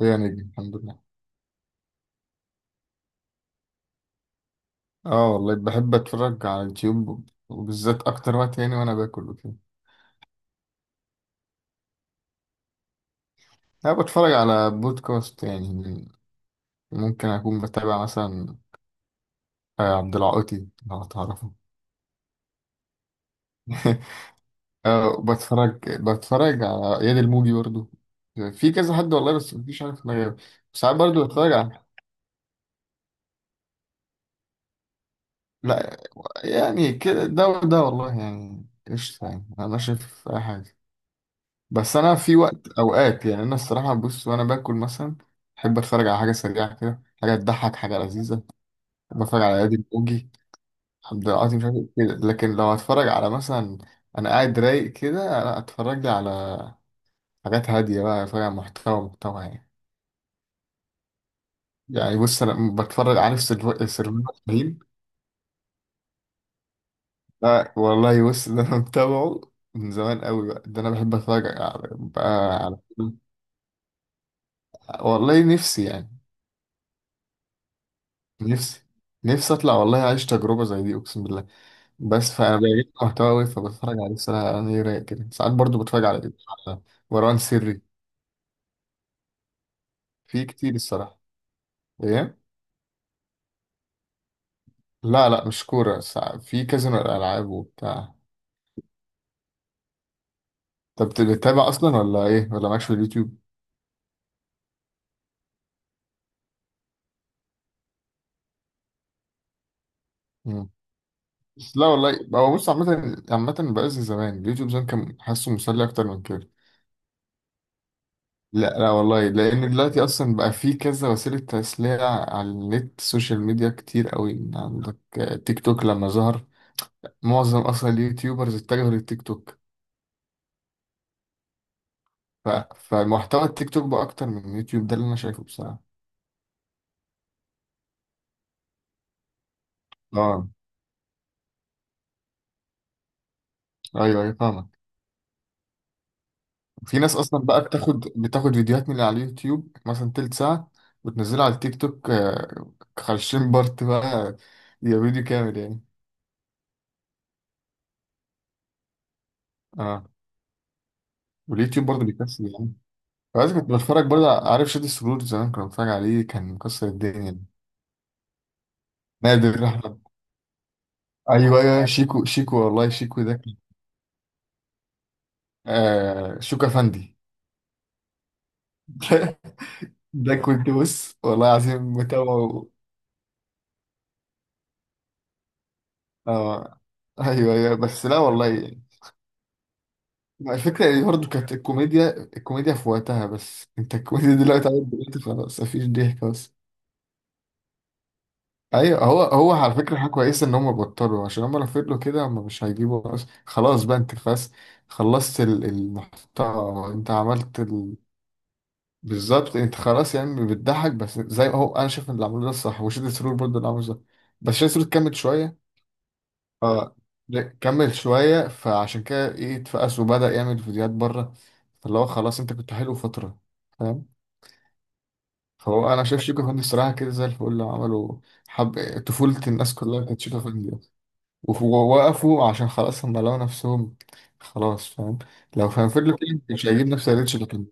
يا نجم، الحمد لله. اه، والله بحب اتفرج على اليوتيوب، وبالذات اكتر وقت يعني وانا باكل وكده. انا بتفرج على بودكاست يعني، ممكن اكون بتابع مثلا عبد العاطي لو تعرفه. اه، بتفرج على اياد الموجي برضو. في كذا حد والله، بس مفيش، عارف ما. ساعات برضو بتفرج على، لا يعني كده ده وده، والله يعني قشطة، يعني انا شايف اي حاجة. بس انا في وقت اوقات يعني، انا الصراحه بص وانا باكل مثلا بحب اتفرج على حاجه سريعه كده، حاجه تضحك، حاجه لذيذه. بتفرج على ادم اوجي، عبد العاطي، مش عارف إيه كده، لكن لو هتفرج على مثلا انا قاعد رايق كده، انا اتفرج لي على حاجات هاديه بقى، اتفرج على محتوى يعني. يعني بص انا بتفرج، عارف سيرفي ابراهيم. لا والله بص، ده انا متابعه من زمان قوي بقى، ده انا بحب اتفرج على بقى على، والله نفسي يعني. نفسي، نفسي اطلع والله، اعيش تجربه زي دي، اقسم بالله. بس فانا بلاقي محتوى قوي فبتفرج عليه الصراحه، انا ايه رايق كده، ساعات برضو بتفرج على، على مروان سري. في كتير الصراحه. ايه. لا لا مش كوره، في كذا من الالعاب وبتاع. طب بتتابع اصلا ولا ايه، ولا مالكش في اليوتيوب؟ مم. بس لا والله، هو بص، عامه بقى زي زمان، اليوتيوب زمان كان حاسه مسلي اكتر من كده. لا لا والله، لان دلوقتي اصلا بقى في كذا وسيله تسليه على النت، السوشيال ميديا كتير قوي عندك. تيك توك لما ظهر معظم اصلا اليوتيوبرز اتجهوا للتيك توك. ف... فمحتوى التيك توك بقى اكتر من اليوتيوب، ده اللي انا شايفه بصراحه. اه ايوه، ايوه فاهمك. في ناس اصلا بقى بتاخد فيديوهات من اللي على اليوتيوب مثلا تلت ساعه وتنزلها على التيك توك، 50 بارت بقى، يبقى فيديو كامل يعني. اه. واليوتيوب برضه بيكسب يعني. عايز، كنت بتفرج برضه، عارف شادي السجود، زمان كنت بتفرج عليه، كان مكسر الدنيا. نادر احمد، ايوه ايوه، أيوه. شيكو، شيكو والله، شيكو ده كان، آه شيكو افندي. ده كنت بص والله العظيم متابعه. آه ايوه، ايوه، بس لا والله يعني. ما الفكره يعني برضه كانت الكوميديا، الكوميديا في وقتها، بس انت الكوميديا دلوقتي عملت دلوقتي خلاص، مفيش ضحك بس. ايوه، هو على فكره حاجه كويسه ان هم بطلوا، عشان هم لو فضلوا كده هم مش هيجيبوا خلاص بقى انت خلاص، خلصت المحتوى، انت عملت ال... بالظبط، انت خلاص يعني بتضحك بس، زي هو انا شايف ان اللي عملوه ده الصح، وشادي سرور برضه اللي عمله ده، بس شادي سرور كمل شويه. اه لا، كمل شويه، فعشان كده ايه اتفقس وبدا يعمل فيديوهات بره، فاللي هو خلاص، انت كنت حلو فتره، فاهم. فهو انا شايف شيكو فندي الصراحه كده زي الفل عملوا، حب طفوله، الناس كلها كانت شيكو فندي. ووقفوا عشان خلاص هم لقوا نفسهم خلاص، فاهم. لو كان فضلوا كده مش هيجيب نفس الريتش اللي كان.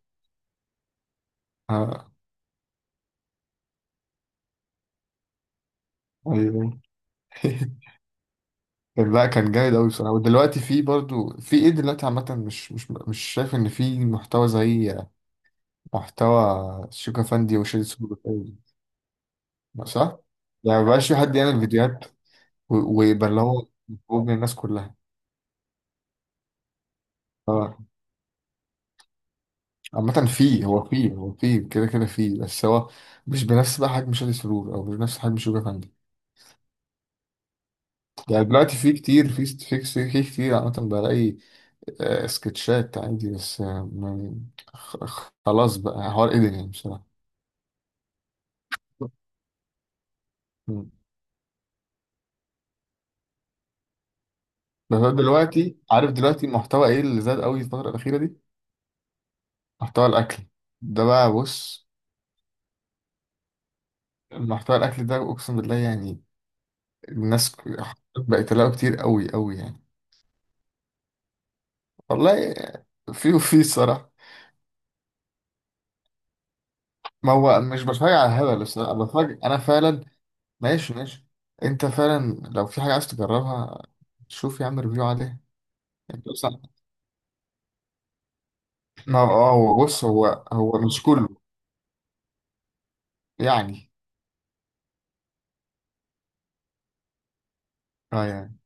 آه، ايوه. طب لا، كان جامد قوي بصراحه، ودلوقتي في برضو في ايه، دلوقتي عامه مش شايف ان في محتوى زي محتوى شوكا فاندي وشادي سوبر. ما صح؟ يعني مبقاش في حد يعمل فيديوهات و- ويبقى اللي هو محبوب من الناس كلها. اه عامة، في هو في كده كده في، بس هو مش بنفس بقى حجم شادي سرور، او مش بنفس حجم شوكا فاندي. يعني دلوقتي في كتير، في ست- في كس- في كتير عامة بلاقي سكتشات عندي، بس خلاص بقى حوار قدر يعني بصراحة. مم. بس أنا دلوقتي، عارف دلوقتي المحتوى ايه اللي زاد قوي الفترة الأخيرة دي؟ محتوى الأكل، ده بقى بص، محتوى الأكل ده أقسم بالله يعني، الناس ك- بقت تلاقيه كتير قوي قوي يعني. والله آه، في، وفي الصراحة. ما هو مش بتفرج على هبل، بس أنا بتفرج أنا فعلا. ماشي ماشي، انت فعلا لو في حاجة عايز تجربها شوف يا عم ريفيو عليها. انت اصلا، ما هو هو بص، هو، هو مش كله يعني. اه يعني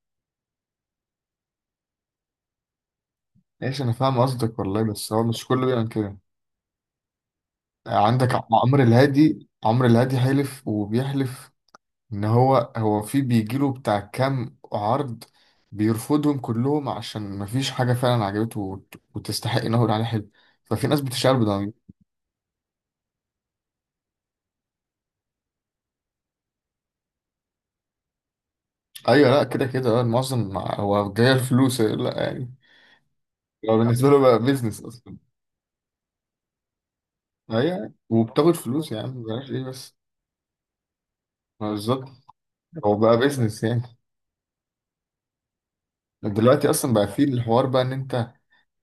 ماشي، انا فاهم قصدك والله، بس هو مش كله بيعمل كده. آه، عندك عمرو الهادي، عمرو الهادي حلف وبيحلف ان هو، في بيجيله بتاع كام عرض، بيرفضهم كلهم عشان مفيش حاجة فعلا عجبته وتستحق انه يقول عليها حلو، ففي ناس بتشتغل بضمير. ايوه لا كده كده، اه المعظم هو جاي الفلوس لا يعني، هو بالنسبة له بقى بيزنس أصلا. هي وبتاخد فلوس يعني، مبلاش إيه بس. ما بالظبط، هو بقى بيزنس يعني. دلوقتي أصلا بقى في الحوار بقى إن أنت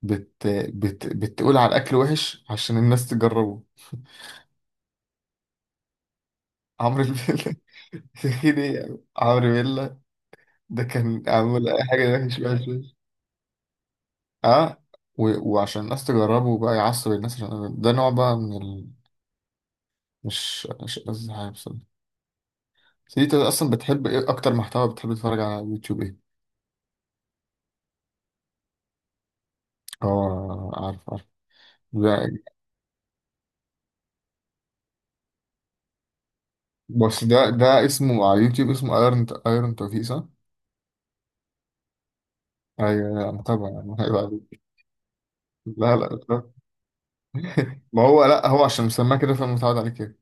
بت... بتقول على الأكل وحش عشان الناس تجربه. عمرو بيلا. تخيل إيه يعني؟ عمرو بيلا ده كان عامل أي حاجة وحش، وحش. أه، و... وعشان الناس تجربه بقى، يعصب الناس، عشان ده نوع بقى من ال... مش، مش قصدي حاجة بصراحة. بس أنت أصلا بتحب إيه أكتر، محتوى بتحب تتفرج على يوتيوب إيه؟ اه عارف. ده بس، ده ده اسمه على اليوتيوب اسمه ايرون، ايرون توفيق صح؟ ايوه، لا متابع يعني عيب عليك. لا لا. لا. ما هو لا، هو عشان مسماه كده فمتعود عليه كده.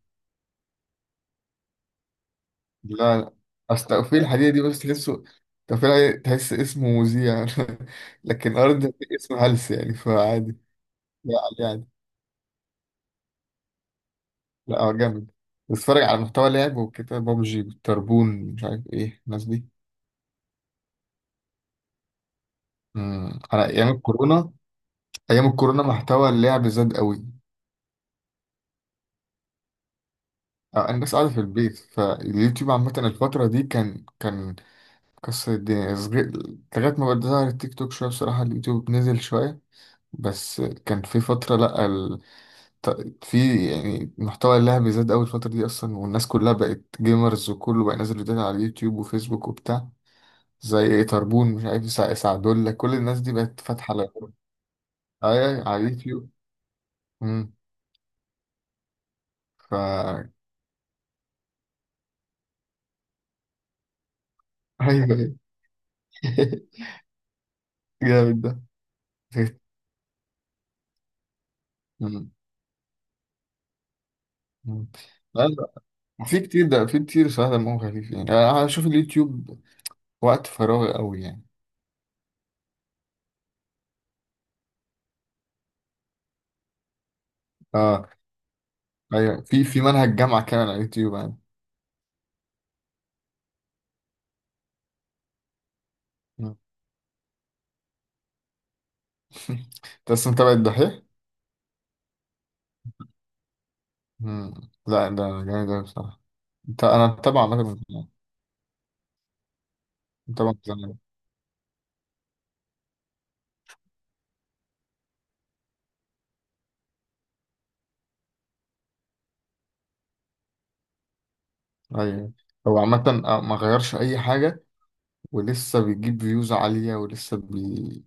لا لا، اصل توفيق الحديدي دي بس تحسه، توفيق الحديدي تحس اسمه مذيع. لكن ارض اسمه هلس يعني فعادي. لا عليه عادي. لا هو جامد، بس اتفرج على محتوى لعب وكده، بابجي والتربون، مش عارف ايه الناس دي. انا ايام الكورونا، ايام الكورونا محتوى اللعب زاد قوي. آه، الناس قاعدة في البيت، فاليوتيوب عامة الفترة دي كان، كان كسر الدنيا صغير، لغاية ما بدأ ظهر التيك توك شوية بصراحة، اليوتيوب نزل شوية. بس كان في فترة لأ ال... في يعني محتوى اللعب زاد أوي الفترة دي أصلا، والناس كلها بقت جيمرز، وكله بقى ينزل فيديوهات على اليوتيوب وفيسبوك وبتاع، زي إيه، طربون، مش عارف سعدولة، كل الناس دي بقت فاتحة على، أيوة، أيوة، على اليوتيوب. مم. فا، أيوه. جامد ده. مم. مم. في كتير ده، في كتير صراحة دمهم خفيف يعني، انا اشوف اليوتيوب وقت فراغي قوي يعني. اه ايوه، في في منهج جامعة كامل على اليوتيوب يعني. مم. انت اصلا متابع الدحيح؟ مم. لا ده جامد اوي بصراحة. انت، انا متابع عامة من زمان. متابع من زمان. ايوه. هو عامة آه، ما غيرش اي حاجة، ولسه بيجيب فيوز عالية، ولسه بي.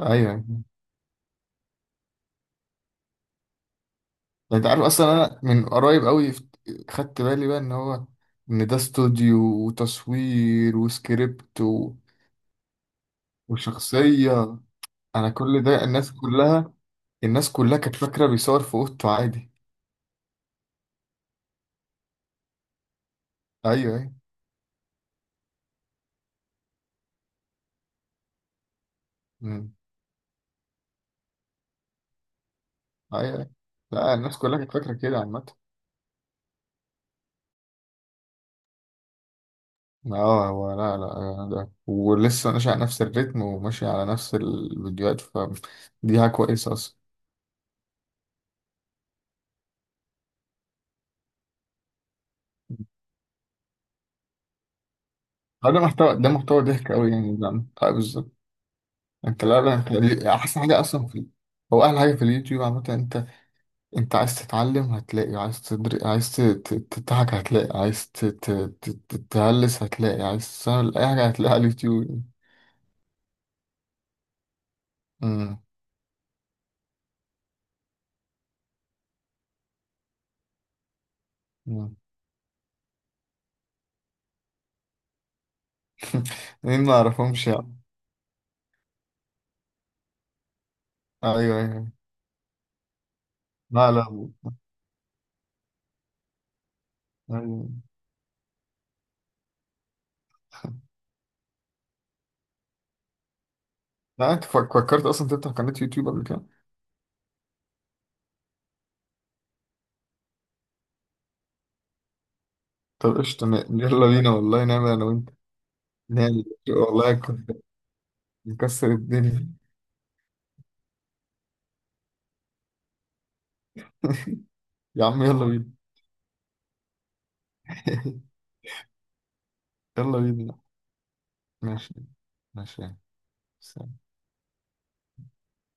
ايوه يعني. انت عارف اصلا انا من قريب قوي خدت بالي بقى ان هو، ان ده استوديو، وتصوير، وسكريبت، وشخصية. أنا كل ده، الناس كلها، الناس كلها كانت فاكرة بيصور في أوضته عادي. أيوه أيوه. أمم، أيوه أيوه. لا الناس كلها كانت فاكرة كده عامة. أه هو لا لا ده، ولسه ماشي على نفس الريتم، وماشي على نفس الفيديوهات، فدي حاجة كويسة أصلا. آه، ده محتوى، ده محتوى ضحك أوي يعني، ده أه بالظبط. أنت لا لا، أنت أحسن حاجة أصلا في، هو أحلى حاجة في اليوتيوب عامة أنت، انت عايز تتعلم هتلاقي، عايز تدر... عايز تضحك هتلاقي، عايز ت... ت... تتهلس هتلاقي، عايز تسهل اي حاجة هتلاقيها على اليوتيوب. امم. امم. مين؟ ما اعرفهمش يعني. ايوه ايوه. لا لا. ايوه. لا انت فكرت اصلا تفتح قناة يوتيوب قبل كده؟ طب قشطة يلا بينا والله، نعمل انا وانت، نعمل والله، كنت مكسر الدنيا. يا عم يلا بينا. يلا بينا. ماشي ماشي. سلام.